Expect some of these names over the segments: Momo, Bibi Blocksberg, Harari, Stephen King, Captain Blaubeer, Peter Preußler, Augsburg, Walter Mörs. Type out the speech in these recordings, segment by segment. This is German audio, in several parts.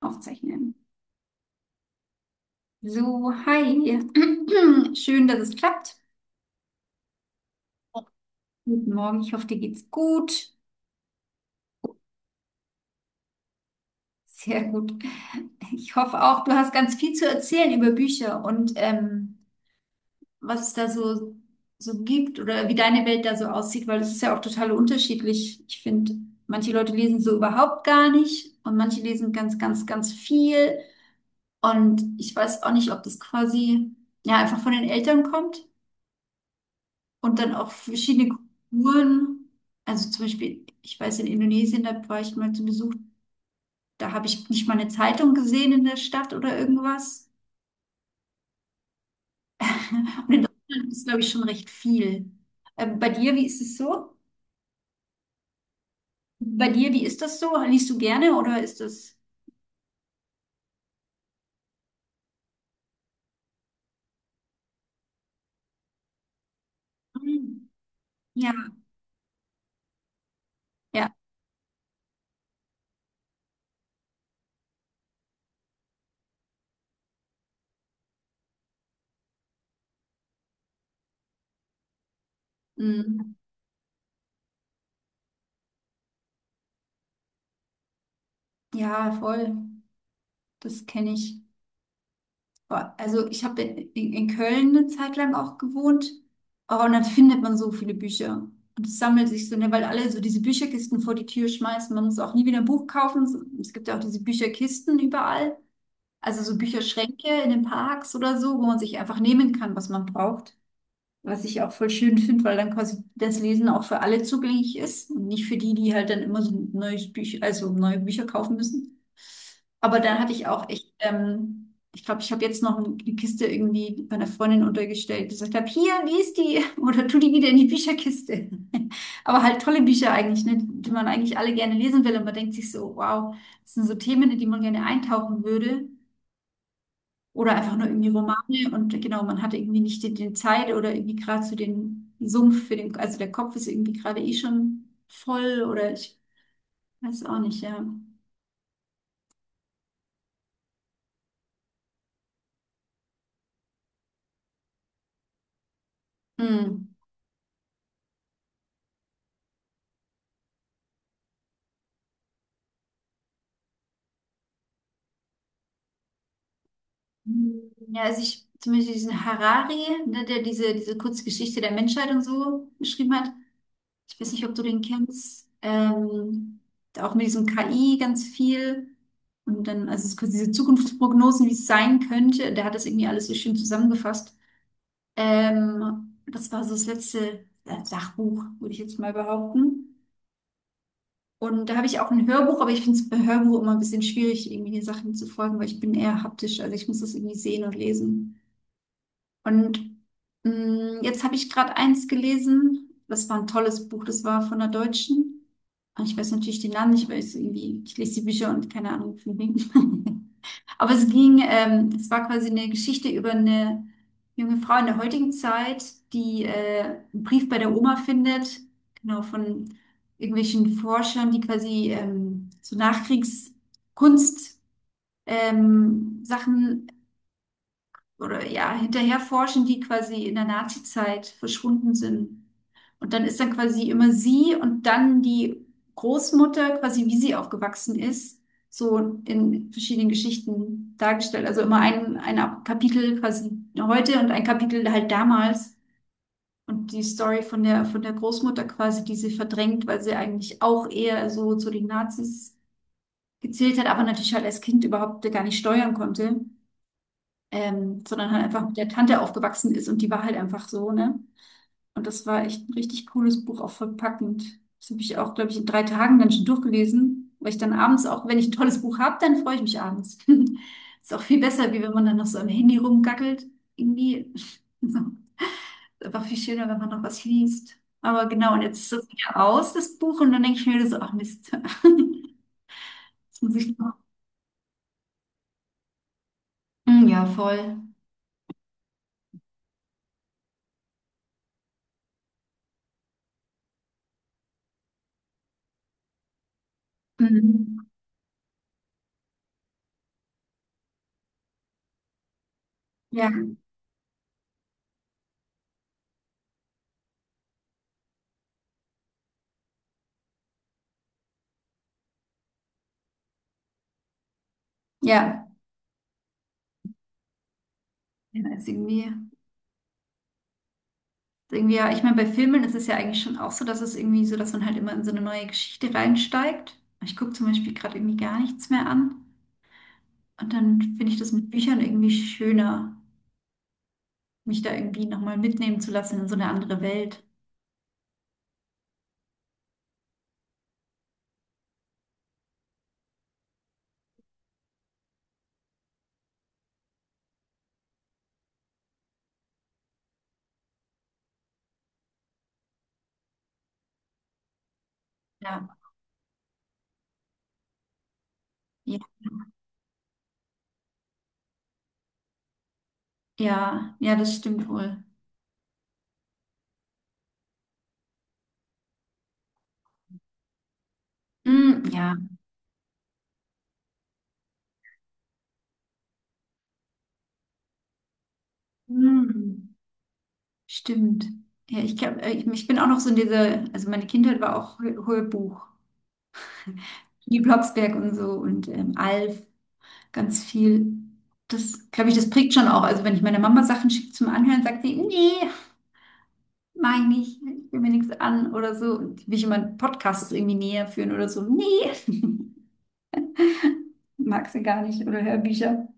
Aufzeichnen. So, hi. Schön, dass es klappt. Guten Morgen. Ich hoffe, dir geht's gut. Sehr gut. Ich hoffe auch, du hast ganz viel zu erzählen über Bücher und was es da so gibt oder wie deine Welt da so aussieht, weil es ist ja auch total unterschiedlich. Ich finde, manche Leute lesen so überhaupt gar nicht und manche lesen ganz, ganz, ganz viel. Und ich weiß auch nicht, ob das quasi ja einfach von den Eltern kommt. Und dann auch verschiedene Kulturen. Also zum Beispiel, ich weiß, in Indonesien, da war ich mal zu Besuch, da habe ich nicht mal eine Zeitung gesehen in der Stadt oder irgendwas. Und in Deutschland ist, glaube ich, schon recht viel. Bei dir, wie ist es so? Bei dir, wie ist das so? Liest du gerne oder ist das? Mm, ja, ja, mm, ja, voll. Das kenne ich. Boah, also ich habe in Köln eine Zeit lang auch gewohnt. Oh, und dann findet man so viele Bücher. Und es sammelt sich so, ne, weil alle so diese Bücherkisten vor die Tür schmeißen. Man muss auch nie wieder ein Buch kaufen. Es gibt ja auch diese Bücherkisten überall. Also so Bücherschränke in den Parks oder so, wo man sich einfach nehmen kann, was man braucht. Was ich auch voll schön finde, weil dann quasi das Lesen auch für alle zugänglich ist und nicht für die, die halt dann immer so ein neues Büch, also neue Bücher kaufen müssen. Aber dann hatte ich auch echt, ich glaube, ich habe jetzt noch eine Kiste irgendwie bei einer Freundin untergestellt, die gesagt habe, hier, lies die oder tu die wieder in die Bücherkiste. Aber halt tolle Bücher eigentlich, ne, die man eigentlich alle gerne lesen will und man denkt sich so, wow, das sind so Themen, in die man gerne eintauchen würde. Oder einfach nur irgendwie Romane und genau, man hatte irgendwie nicht die Zeit oder irgendwie gerade so den Sumpf für den, also der Kopf ist irgendwie gerade eh schon voll oder ich weiß auch nicht, ja. Hm. Ja, also ich zum Beispiel diesen Harari, ne, der diese kurze Geschichte der Menschheit und so geschrieben hat. Ich weiß nicht, ob du den kennst. Auch mit diesem KI ganz viel. Und dann, also es ist quasi diese Zukunftsprognosen, wie es sein könnte. Der hat das irgendwie alles so schön zusammengefasst. Das war so das letzte Sachbuch, würde ich jetzt mal behaupten. Und da habe ich auch ein Hörbuch, aber ich finde es bei Hörbuch immer ein bisschen schwierig, irgendwie den Sachen zu folgen, weil ich bin eher haptisch, also ich muss das irgendwie sehen und lesen. Und jetzt habe ich gerade eins gelesen, das war ein tolles Buch, das war von einer Deutschen. Und ich weiß natürlich den Namen nicht, weil ich so irgendwie, ich lese die Bücher und keine Ahnung von denen. Aber es ging, es war quasi eine Geschichte über eine junge Frau in der heutigen Zeit, die einen Brief bei der Oma findet, genau, von irgendwelchen Forschern, die quasi so Nachkriegskunst Sachen oder ja, hinterher forschen, die quasi in der Nazizeit verschwunden sind. Und dann ist dann quasi immer sie und dann die Großmutter, quasi wie sie aufgewachsen ist, so in verschiedenen Geschichten dargestellt. Also immer ein Kapitel quasi heute und ein Kapitel halt damals. Und die Story von der Großmutter quasi, die sie verdrängt, weil sie eigentlich auch eher so zu den Nazis gezählt hat, aber natürlich halt als Kind überhaupt gar nicht steuern konnte, sondern halt einfach mit der Tante aufgewachsen ist und die war halt einfach so, ne? Und das war echt ein richtig cooles Buch, auch voll packend. Das habe ich auch, glaube ich, in 3 Tagen dann schon durchgelesen, weil ich dann abends auch, wenn ich ein tolles Buch habe, dann freue ich mich abends. Ist auch viel besser, wie wenn man dann noch so am Handy rumgackelt. Irgendwie so. Ist einfach viel schöner, wenn man noch was liest. Aber genau, und jetzt ist das wieder aus, das Buch, und dann denke ich mir wieder so, ach Mist. Jetzt muss ich noch. Mm, ja, voll. Mhm. Ja, ja. Ja, ist irgendwie. Irgendwie, ja, ich meine, bei Filmen ist es ja eigentlich schon auch so, dass es irgendwie so, dass man halt immer in so eine neue Geschichte reinsteigt. Ich gucke zum Beispiel gerade irgendwie gar nichts mehr an. Und dann finde ich das mit Büchern irgendwie schöner, mich da irgendwie nochmal mitnehmen zu lassen in so eine andere Welt. Ja, ja, ja, ja, das stimmt wohl. Mm, ja, mm, stimmt. Ja, ich, glaub, ich bin auch noch so in dieser, also meine Kindheit war auch Hörbuch. Die Blocksberg und so und Alf, ganz viel. Das, glaube ich, das prägt schon auch. Also wenn ich meiner Mama Sachen schicke zum Anhören, sagt sie, nee, meine ich, ich will mir nichts an oder so. Und will ich immer Podcasts irgendwie näher führen oder so. Nee, mag sie gar nicht oder Hörbücher.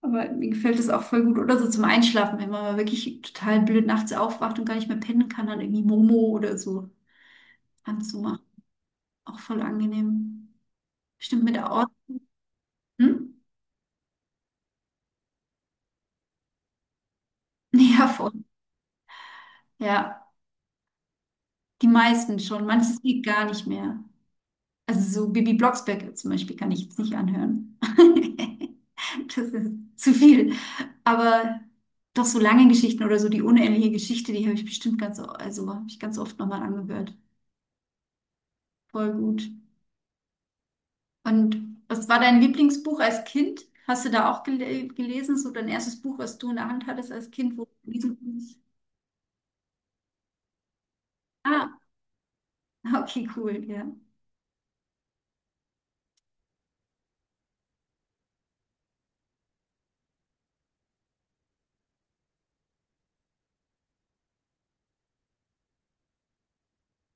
Aber mir gefällt das auch voll gut. Oder so zum Einschlafen, wenn man mal wirklich total blöd nachts aufwacht und gar nicht mehr pennen kann, dann irgendwie Momo oder so anzumachen. Auch voll angenehm. Stimmt mit der Ort. Hm? Ja, voll. Ja, die meisten schon. Manches geht gar nicht mehr. Also so Bibi Blocksberg zum Beispiel kann ich jetzt nicht anhören. Das ist zu viel. Aber doch so lange Geschichten oder so die unendliche Geschichte, die habe ich bestimmt ganz, also habe ich ganz oft nochmal angehört. Voll gut. Und was war dein Lieblingsbuch als Kind? Hast du da auch gelesen? So dein erstes Buch, was du in der Hand hattest als Kind, wo du gelesen hast? Ah, okay, cool, ja.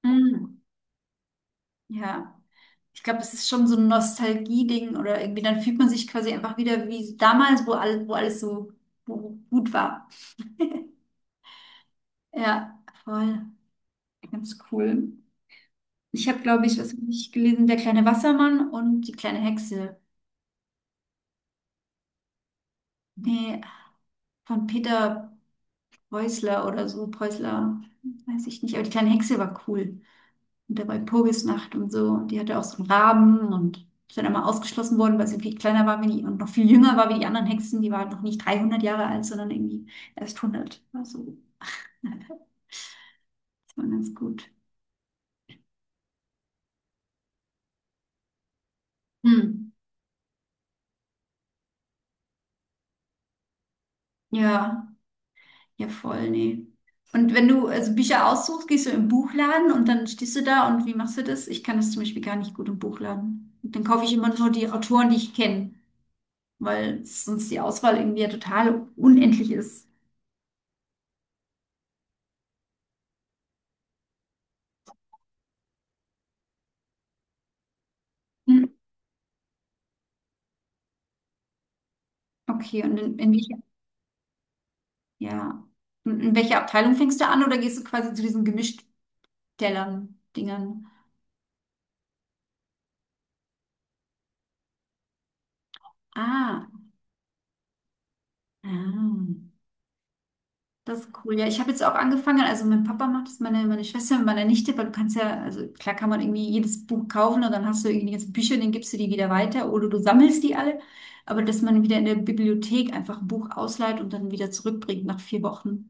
Mm, ja. Ich glaube, es ist schon so ein Nostalgie-Ding oder irgendwie, dann fühlt man sich quasi einfach wieder wie so damals, wo alles so wo gut war. Ja, voll. Ganz cool. Ich habe, glaube ich, was hab ich gelesen, der kleine Wassermann und die kleine Hexe. Nee, von Peter Preußler oder so, Preußler, weiß ich nicht, aber die kleine Hexe war cool. Und da war Walpurgisnacht und so. Und die hatte auch so einen Raben und ist dann immer ausgeschlossen worden, weil sie viel kleiner war wie die und noch viel jünger war wie die anderen Hexen. Die war halt noch nicht 300 Jahre alt, sondern irgendwie erst 100. Also, das war ganz gut. Hm. Ja, ja, voll, nee. Und wenn du also Bücher aussuchst, gehst du im Buchladen und dann stehst du da und wie machst du das? Ich kann das zum Beispiel gar nicht gut im Buchladen. Und dann kaufe ich immer nur die Autoren, die ich kenne, weil sonst die Auswahl irgendwie ja total unendlich ist. Hm. Okay, und in welcher Ja. Und in welcher Abteilung fängst du an oder gehst du quasi zu diesen Gemischtellern-Dingern? Ah, ah, das ist cool. Ja, ich habe jetzt auch angefangen, also mein Papa macht das, meine Schwester und meine Nichte, weil du kannst ja, also klar kann man irgendwie jedes Buch kaufen und dann hast du irgendwie die ganzen Bücher, dann gibst du die wieder weiter oder du sammelst die alle. Aber dass man wieder in der Bibliothek einfach ein Buch ausleiht und dann wieder zurückbringt nach 4 Wochen.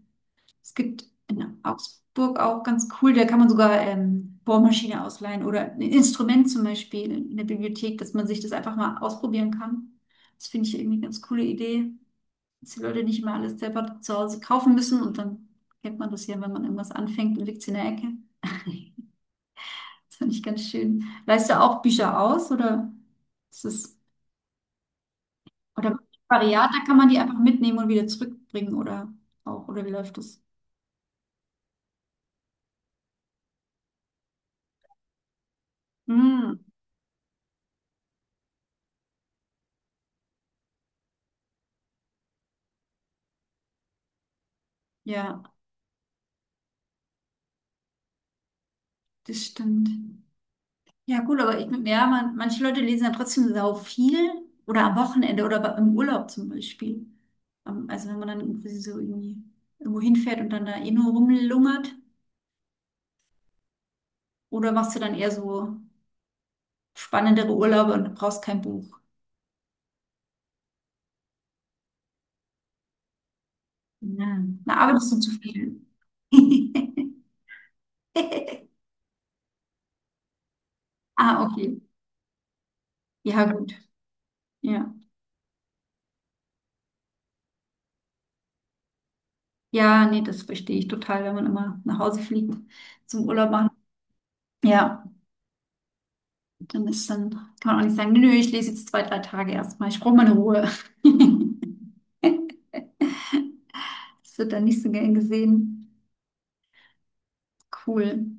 Es gibt in Augsburg auch ganz cool, da kann man sogar Bohrmaschine ausleihen oder ein Instrument zum Beispiel in der Bibliothek, dass man sich das einfach mal ausprobieren kann. Das finde ich irgendwie eine ganz coole Idee, dass die Leute nicht immer alles selber zu Hause kaufen müssen und dann kennt man das ja, wenn man irgendwas anfängt und liegt es in der Ecke. Das finde ich ganz schön. Leihst du auch Bücher aus oder ist das, oder Variat, da kann man die einfach mitnehmen und wieder zurückbringen oder auch, oder wie läuft das? Hm, ja, das stimmt. Ja, gut, aber ich, ja, manche Leute lesen ja trotzdem sau viel oder am Wochenende oder im Urlaub zum Beispiel. Also wenn man dann irgendwie so irgendwie irgendwo hinfährt und dann da eh nur rumlungert. Oder machst du dann eher so spannendere Urlaube und brauchst kein Buch? Ja. Na, arbeitest du zu viel? Ah, okay. Ja, gut. Ja. Ja, nee, das verstehe ich total, wenn man immer nach Hause fliegt zum Urlaub machen. Ja. Dann ist dann, kann man auch nicht sagen, nö, ich lese jetzt zwei, drei Tage erstmal. Ich brauche meine Ruhe. Das wird dann nicht so gern gesehen. Cool.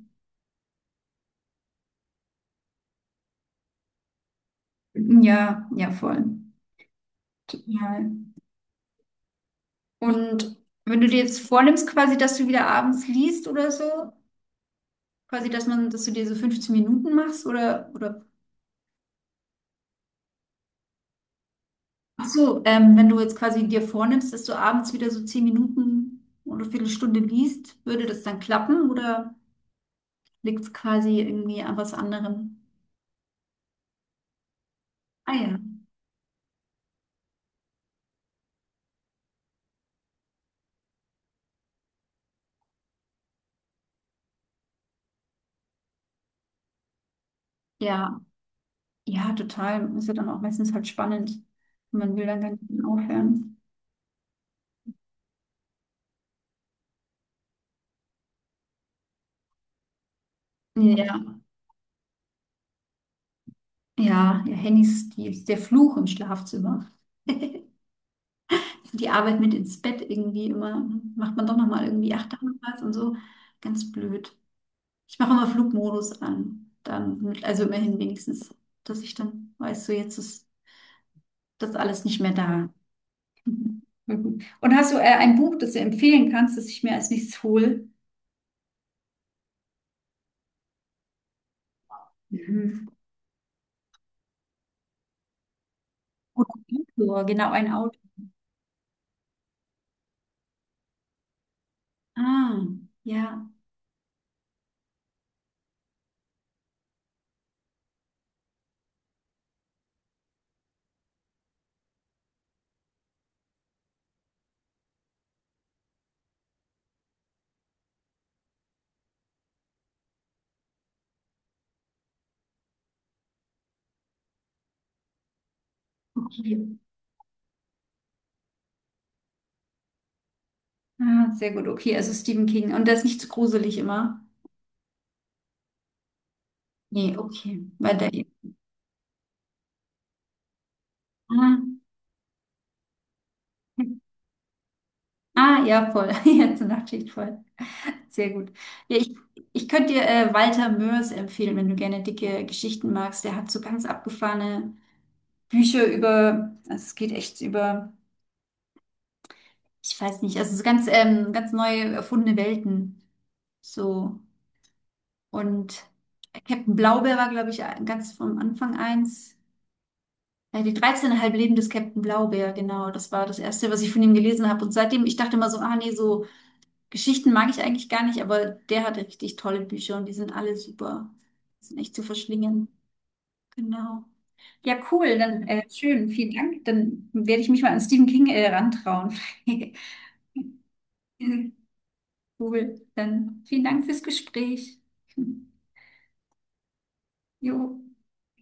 Ja, ja, voll. Total. Und wenn du dir jetzt vornimmst, quasi, dass du wieder abends liest oder so, quasi, dass man, dass du dir so 15 Minuten machst ach so, wenn du jetzt quasi dir vornimmst, dass du abends wieder so 10 Minuten oder Viertelstunde liest, würde das dann klappen oder liegt es quasi irgendwie an was anderem? Ah ja, ja, ja, total. Ist ja dann auch meistens halt spannend. Man will dann gar nicht mehr aufhören. Ja, ja, ja, Handys, die ist der Fluch im Schlafzimmer. Die Arbeit mit ins Bett irgendwie immer, macht man doch nochmal irgendwie 8 Tage was und so. Ganz blöd. Ich mache immer Flugmodus an. Dann, also immerhin wenigstens, dass ich dann weiß, so jetzt ist das alles nicht mehr da. Mhm. Mhm. Und hast du ein Buch, das du empfehlen kannst, das ich mir als nächstes hole? Mhm. Oder ein Autor, genau, ein Autor. Ah, ja, okay. Ah, sehr gut, okay. Also Stephen King. Und der ist nicht zu gruselig immer? Nee, okay. Weil der. Ah, ah ja, voll. Jetzt eine Nachtschicht voll. Sehr gut. Ja, ich könnte dir Walter Mörs empfehlen, wenn du gerne dicke Geschichten magst. Der hat so ganz abgefahrene Bücher über, also es geht echt über, ich weiß nicht, also so ganz, ganz neu erfundene Welten. So. Und Captain Blaubeer war, glaube ich, ganz vom Anfang eins. Ja, die 13,5 Leben des Captain Blaubeer, genau. Das war das Erste, was ich von ihm gelesen habe. Und seitdem, ich dachte immer so, ah nee, so Geschichten mag ich eigentlich gar nicht, aber der hatte richtig tolle Bücher und die sind alle super. Die sind echt zu verschlingen. Genau. Ja, cool. Dann schön, vielen Dank. Dann werde ich mich mal an Stephen King rantrauen. Cool. Dann vielen Dank fürs Gespräch. Jo.